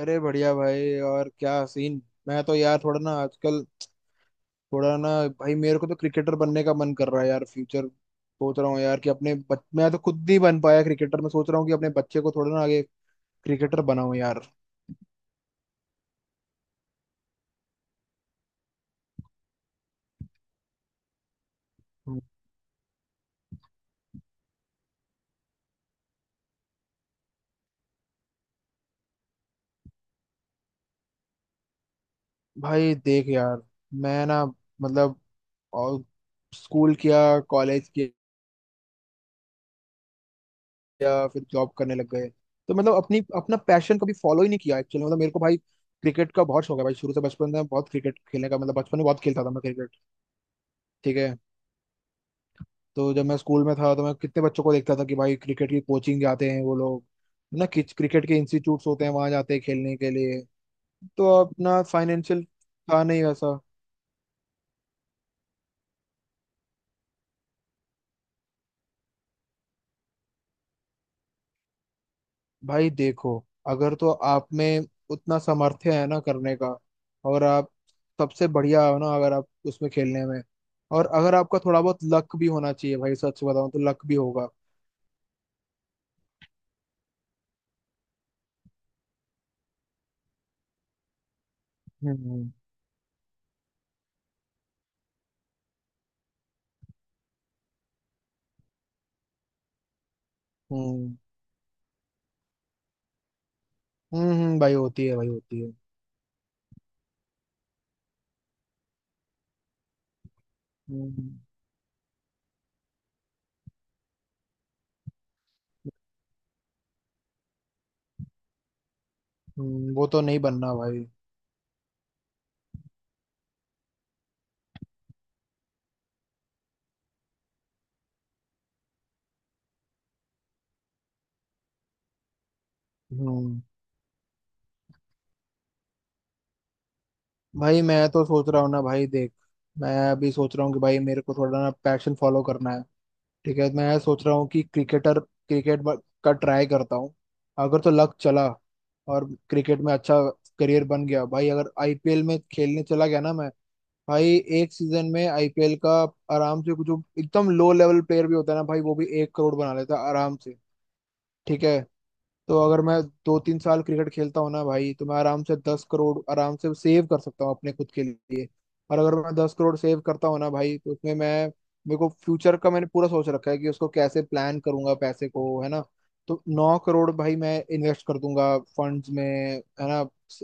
अरे बढ़िया भाई। और क्या सीन। मैं तो यार थोड़ा ना आजकल थोड़ा ना। भाई मेरे को तो क्रिकेटर बनने का मन कर रहा है यार। फ्यूचर सोच रहा हूँ यार कि अपने मैं तो खुद नहीं बन पाया क्रिकेटर। मैं सोच रहा हूँ कि अपने बच्चे को थोड़ा ना आगे क्रिकेटर बनाऊं यार। हम्म। भाई देख यार। मैं ना, मतलब, और स्कूल किया, कॉलेज किया, फिर जॉब करने लग गए। तो मतलब अपनी अपना पैशन कभी फॉलो ही नहीं किया एक्चुअली। मतलब मेरे को भाई क्रिकेट का बहुत शौक है भाई। शुरू से, बचपन में बहुत क्रिकेट खेलने का मतलब बचपन में बहुत खेलता था मैं क्रिकेट। ठीक है। तो जब मैं स्कूल में था तो मैं कितने बच्चों को देखता था कि भाई क्रिकेट की कोचिंग जाते हैं वो लोग है ना। कि क्रिकेट के इंस्टीट्यूट्स होते हैं, वहां जाते हैं खेलने के लिए। तो अपना फाइनेंशियल था नहीं वैसा। भाई देखो, अगर तो आप में उतना सामर्थ्य है ना करने का, और आप सबसे बढ़िया हो ना अगर आप उसमें खेलने में, और अगर आपका थोड़ा बहुत लक भी होना चाहिए भाई, सच बताऊं तो लक भी होगा। हम्म। हम्म। हम्म। भाई होती है, भाई होती है। हम्म। वो तो नहीं बनना भाई। हम्म। भाई मैं तो सोच रहा हूँ ना भाई, देख, मैं अभी सोच रहा हूँ कि भाई मेरे को थोड़ा ना पैशन फॉलो करना है। ठीक है, मैं सोच रहा हूँ कि क्रिकेट का ट्राई करता हूँ। अगर तो लक चला और क्रिकेट में अच्छा करियर बन गया भाई, अगर आईपीएल में खेलने चला गया ना मैं, भाई एक सीजन में आईपीएल का आराम से, कुछ जो एकदम लो लेवल प्लेयर भी होता है ना भाई, वो भी 1 करोड़ बना लेता है आराम से। ठीक है। तो अगर मैं दो तीन साल क्रिकेट खेलता हूँ ना भाई, तो मैं आराम से 10 करोड़ आराम से सेव कर सकता हूँ अपने खुद के लिए। और अगर मैं 10 करोड़ सेव करता हूँ ना भाई, तो उसमें मैं, मेरे को फ्यूचर का मैंने पूरा सोच रखा है कि उसको कैसे प्लान करूंगा पैसे को, है ना। तो 9 करोड़ भाई मैं इन्वेस्ट कर दूंगा फंड्स में, है ना,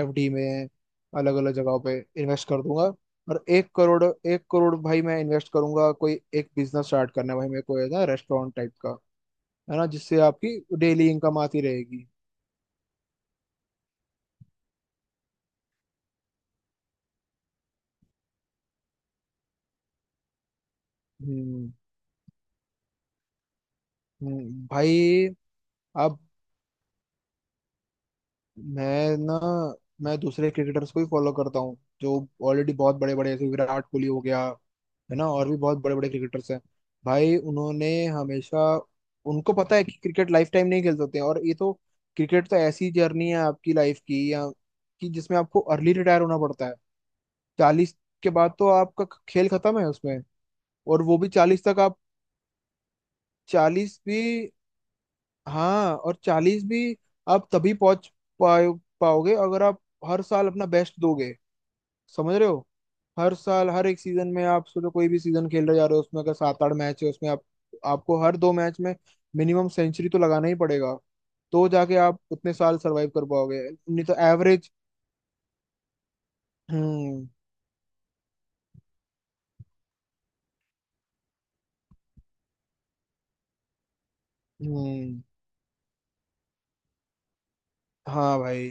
एफडी में, अलग अलग जगहों पे इन्वेस्ट कर दूंगा। और 1-1 करोड़ भाई मैं इन्वेस्ट करूंगा, कोई एक बिजनेस स्टार्ट करना है भाई मेरे को, है ना, रेस्टोरेंट टाइप का, है ना, जिससे आपकी डेली इनकम आती रहेगी। हम्म, भाई, अब मैं ना, मैं दूसरे क्रिकेटर्स को भी फॉलो करता हूँ जो ऑलरेडी बहुत बड़े बड़े, जैसे विराट कोहली हो गया, है ना, और भी बहुत बड़े बड़े क्रिकेटर्स हैं भाई। उन्होंने हमेशा, उनको पता है कि क्रिकेट लाइफ टाइम नहीं खेल सकते हैं। और ये तो, क्रिकेट तो ऐसी जर्नी है आपकी लाइफ की, या कि जिसमें आपको अर्ली रिटायर होना पड़ता है। 40 के बाद तो आपका खेल खत्म है उसमें। और वो भी 40 तक आप, 40 भी, हाँ और 40 भी आप तभी पहुंच पाओ, पाओगे अगर आप हर साल अपना बेस्ट दोगे। समझ रहे हो। हर साल, हर एक सीजन में आप सोचो कोई भी सीजन खेल रहे जा रहे हो उसमें, अगर सात आठ मैच है उसमें, आप आपको हर 2 मैच में मिनिमम सेंचुरी तो लगाना ही पड़ेगा। तो जाके आप उतने साल सरवाइव कर पाओगे, नहीं तो एवरेज। हम्म। हम्म। हाँ भाई।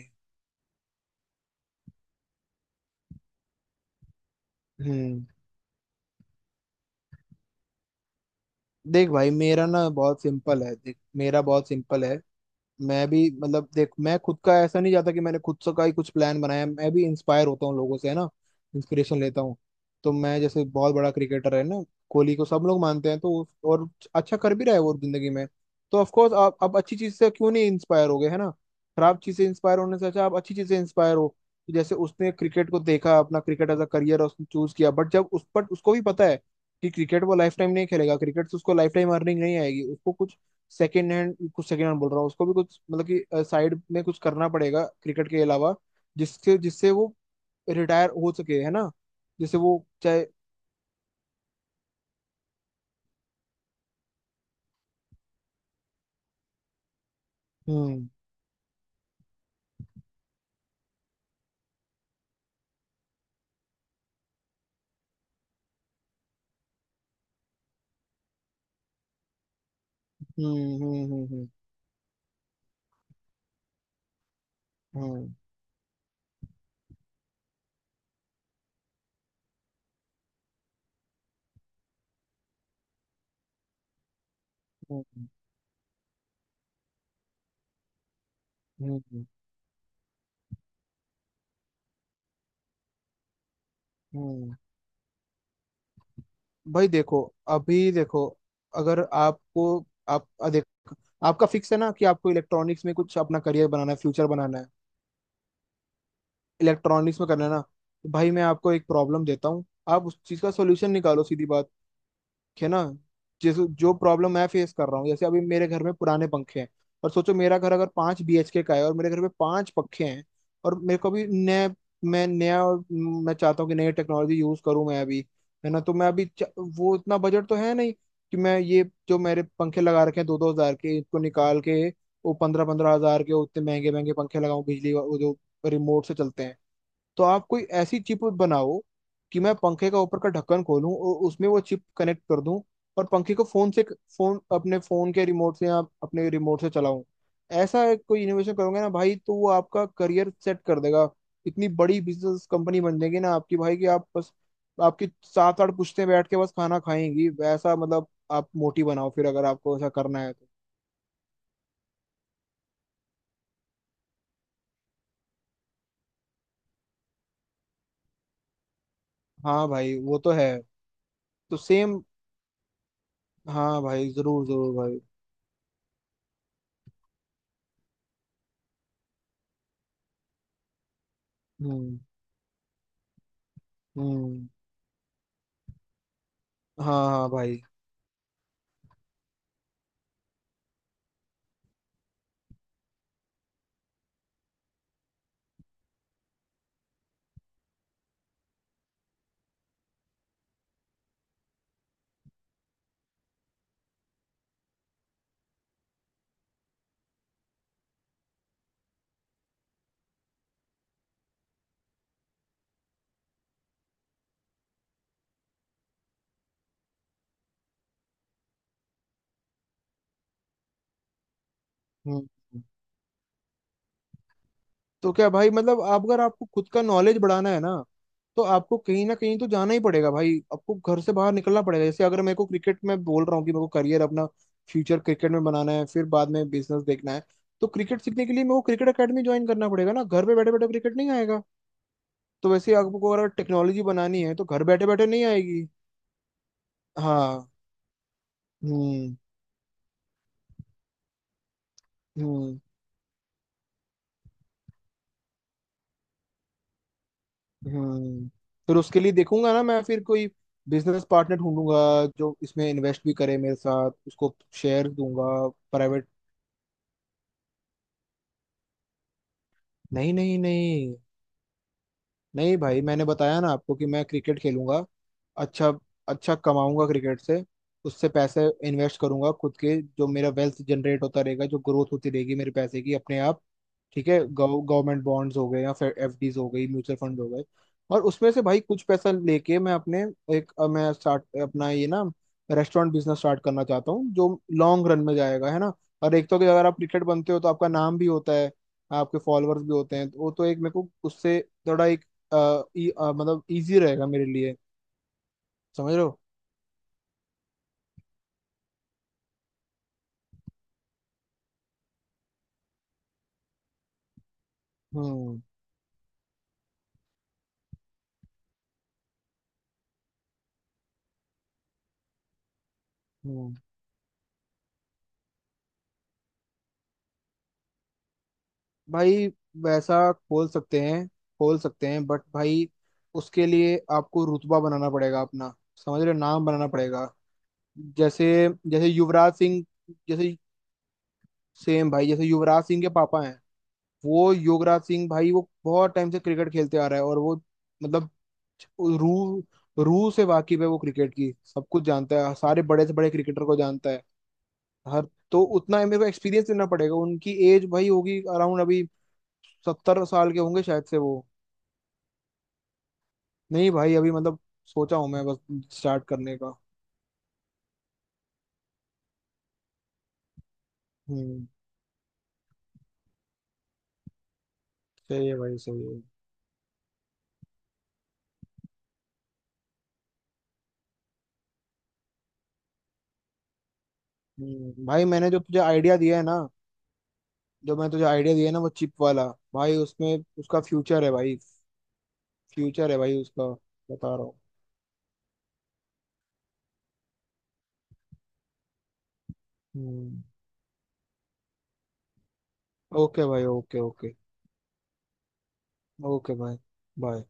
हम्म। देख भाई मेरा ना बहुत सिंपल है, देख मेरा बहुत सिंपल है। मैं भी, मतलब, देख, मैं खुद का ऐसा नहीं जाता कि मैंने खुद से का ही कुछ प्लान बनाया, मैं भी इंस्पायर होता हूँ लोगों से, है ना, इंस्पिरेशन लेता हूँ। तो मैं, जैसे बहुत बड़ा क्रिकेटर है ना, कोहली को सब लोग मानते हैं, तो और अच्छा कर भी रहा है वो जिंदगी में। तो ऑफ कोर्स, आप अच्छी चीज से क्यों नहीं इंस्पायर हो गए, है ना। खराब चीज से इंस्पायर होने से अच्छा आप अच्छी चीज से इंस्पायर हो। तो जैसे उसने क्रिकेट को देखा, अपना क्रिकेट एज अ करियर उसने चूज किया, बट जब उस पर, उसको भी पता है कि क्रिकेट वो लाइफ टाइम नहीं खेलेगा, क्रिकेट से उसको लाइफ टाइम अर्निंग नहीं आएगी, उसको कुछ सेकेंड हैंड, कुछ सेकेंड हैंड बोल रहा हूँ, उसको भी कुछ मतलब कि साइड में कुछ करना पड़ेगा क्रिकेट के अलावा, जिसके जिससे वो रिटायर हो सके, है ना, जिससे वो चाहे। हम्म। हम्म। हम्म। हम्म। हम्म। हम्म। हम्म। हम्म। भाई देखो, अभी देखो, अगर आपको, देख, आपका फिक्स है ना कि आपको इलेक्ट्रॉनिक्स में कुछ अपना करियर बनाना है, फ्यूचर बनाना है, इलेक्ट्रॉनिक्स में करना है ना। तो भाई मैं आपको एक प्रॉब्लम देता हूँ, आप उस चीज का सोल्यूशन निकालो, सीधी बात, कि है ना, जैसे जो प्रॉब्लम मैं फेस कर रहा हूँ, जैसे अभी मेरे घर में पुराने पंखे हैं। और सोचो मेरा घर अगर 5 बीएचके का है और मेरे घर में पांच पंखे हैं, और मेरे को भी नए, मैं नया, और मैं चाहता हूँ कि नई टेक्नोलॉजी यूज करूँ मैं अभी, है ना, तो मैं अभी वो, इतना बजट तो है नहीं कि मैं ये जो मेरे पंखे लगा रखे हैं 2-2 हजार के इनको निकाल के वो 15-15 हजार के उतने महंगे महंगे पंखे लगाऊं, वो जो रिमोट से चलते हैं। तो आप कोई ऐसी चिप बनाओ कि मैं पंखे का ऊपर का ढक्कन खोलूं और उसमें वो चिप कनेक्ट कर दूं, और पंखे को फोन से, फोन, अपने फोन के रिमोट से, या अपने रिमोट से चलाऊं। ऐसा एक कोई इनोवेशन करोगे ना भाई तो वो आपका करियर सेट कर देगा। इतनी बड़ी बिजनेस कंपनी बन जाएगी ना आपकी भाई कि आप बस, आपकी सात आठ पुश्तें बैठ के बस खाना खाएंगी, वैसा मतलब आप मोटी बनाओ फिर अगर आपको ऐसा करना है तो। हाँ भाई वो तो है, तो सेम। हाँ भाई, जरूर जरूर भाई। हम्म। हम्म। हाँ हाँ भाई। हम्म। हम्म। तो क्या भाई, मतलब, आप, अगर आपको खुद का नॉलेज बढ़ाना है ना, तो आपको कहीं ना कहीं तो जाना ही पड़ेगा भाई, आपको घर से बाहर निकलना पड़ेगा। जैसे अगर मेरे को, क्रिकेट में बोल रहा हूँ कि मेरे को करियर अपना, फ्यूचर क्रिकेट में बनाना है, फिर बाद में बिजनेस देखना है, तो क्रिकेट सीखने के लिए मेरे को क्रिकेट एकेडमी ज्वाइन करना पड़ेगा ना, घर पे बैठे बैठे क्रिकेट नहीं आएगा। तो वैसे आपको अगर टेक्नोलॉजी बनानी है तो घर बैठे बैठे नहीं आएगी। हाँ। हम्म। हम्म। हम्म। फिर उसके लिए देखूंगा ना मैं, फिर कोई बिजनेस पार्टनर ढूंढूंगा जो इसमें इन्वेस्ट भी करे मेरे साथ, उसको शेयर दूंगा। प्राइवेट। नहीं नहीं नहीं। नहीं भाई, मैंने बताया ना आपको कि मैं क्रिकेट खेलूंगा, अच्छा अच्छा कमाऊंगा क्रिकेट से, उससे पैसे इन्वेस्ट करूंगा खुद के, जो मेरा वेल्थ जनरेट होता रहेगा, जो ग्रोथ होती रहेगी मेरे पैसे की अपने आप, ठीक है, गवर्नमेंट बॉन्ड्स हो गए, या फिर एफडीज हो गई, म्यूचुअल फंड हो गए। और उसमें से भाई कुछ पैसा लेके मैं अपने, एक मैं स्टार्ट अपना ये ना, रेस्टोरेंट बिजनेस स्टार्ट करना चाहता हूँ जो लॉन्ग रन में जाएगा, है ना। और एक तो कि अगर आप क्रिकेट बनते हो तो आपका नाम भी होता है, आपके फॉलोअर्स भी होते हैं, तो वो तो एक, मेरे को उससे थोड़ा, मतलब, इजी रहेगा मेरे लिए। समझ रहे हो। हम्म। हम्म। भाई वैसा खोल सकते हैं, खोल सकते हैं बट भाई उसके लिए आपको रुतबा बनाना पड़ेगा अपना, समझ रहे हो, नाम बनाना पड़ेगा। जैसे जैसे युवराज सिंह, जैसे, सेम भाई, जैसे युवराज सिंह के पापा हैं, वो युवराज सिंह भाई वो बहुत टाइम से क्रिकेट खेलते आ रहा है, और वो, मतलब, रू, रू से वाकिफ है, वो क्रिकेट की सब कुछ जानता है, सारे बड़े से बड़े क्रिकेटर को जानता है, हर, तो उतना मेरे को एक्सपीरियंस देना पड़ेगा। उनकी एज भाई होगी अराउंड अभी 70 साल के होंगे शायद से वो। नहीं भाई, अभी मतलब सोचा हूँ मैं बस स्टार्ट करने का। हम्म। सही है भाई, सही है। हम्म। भाई मैंने जो तुझे आइडिया दिया है ना, जो मैं तुझे आइडिया दिया है ना, वो चिप वाला, भाई उसमें, उसका फ्यूचर है भाई, फ्यूचर है भाई उसका, बता रहा हूँ। हम्म। ओके भाई, ओके ओके। ओके भाई। बाय।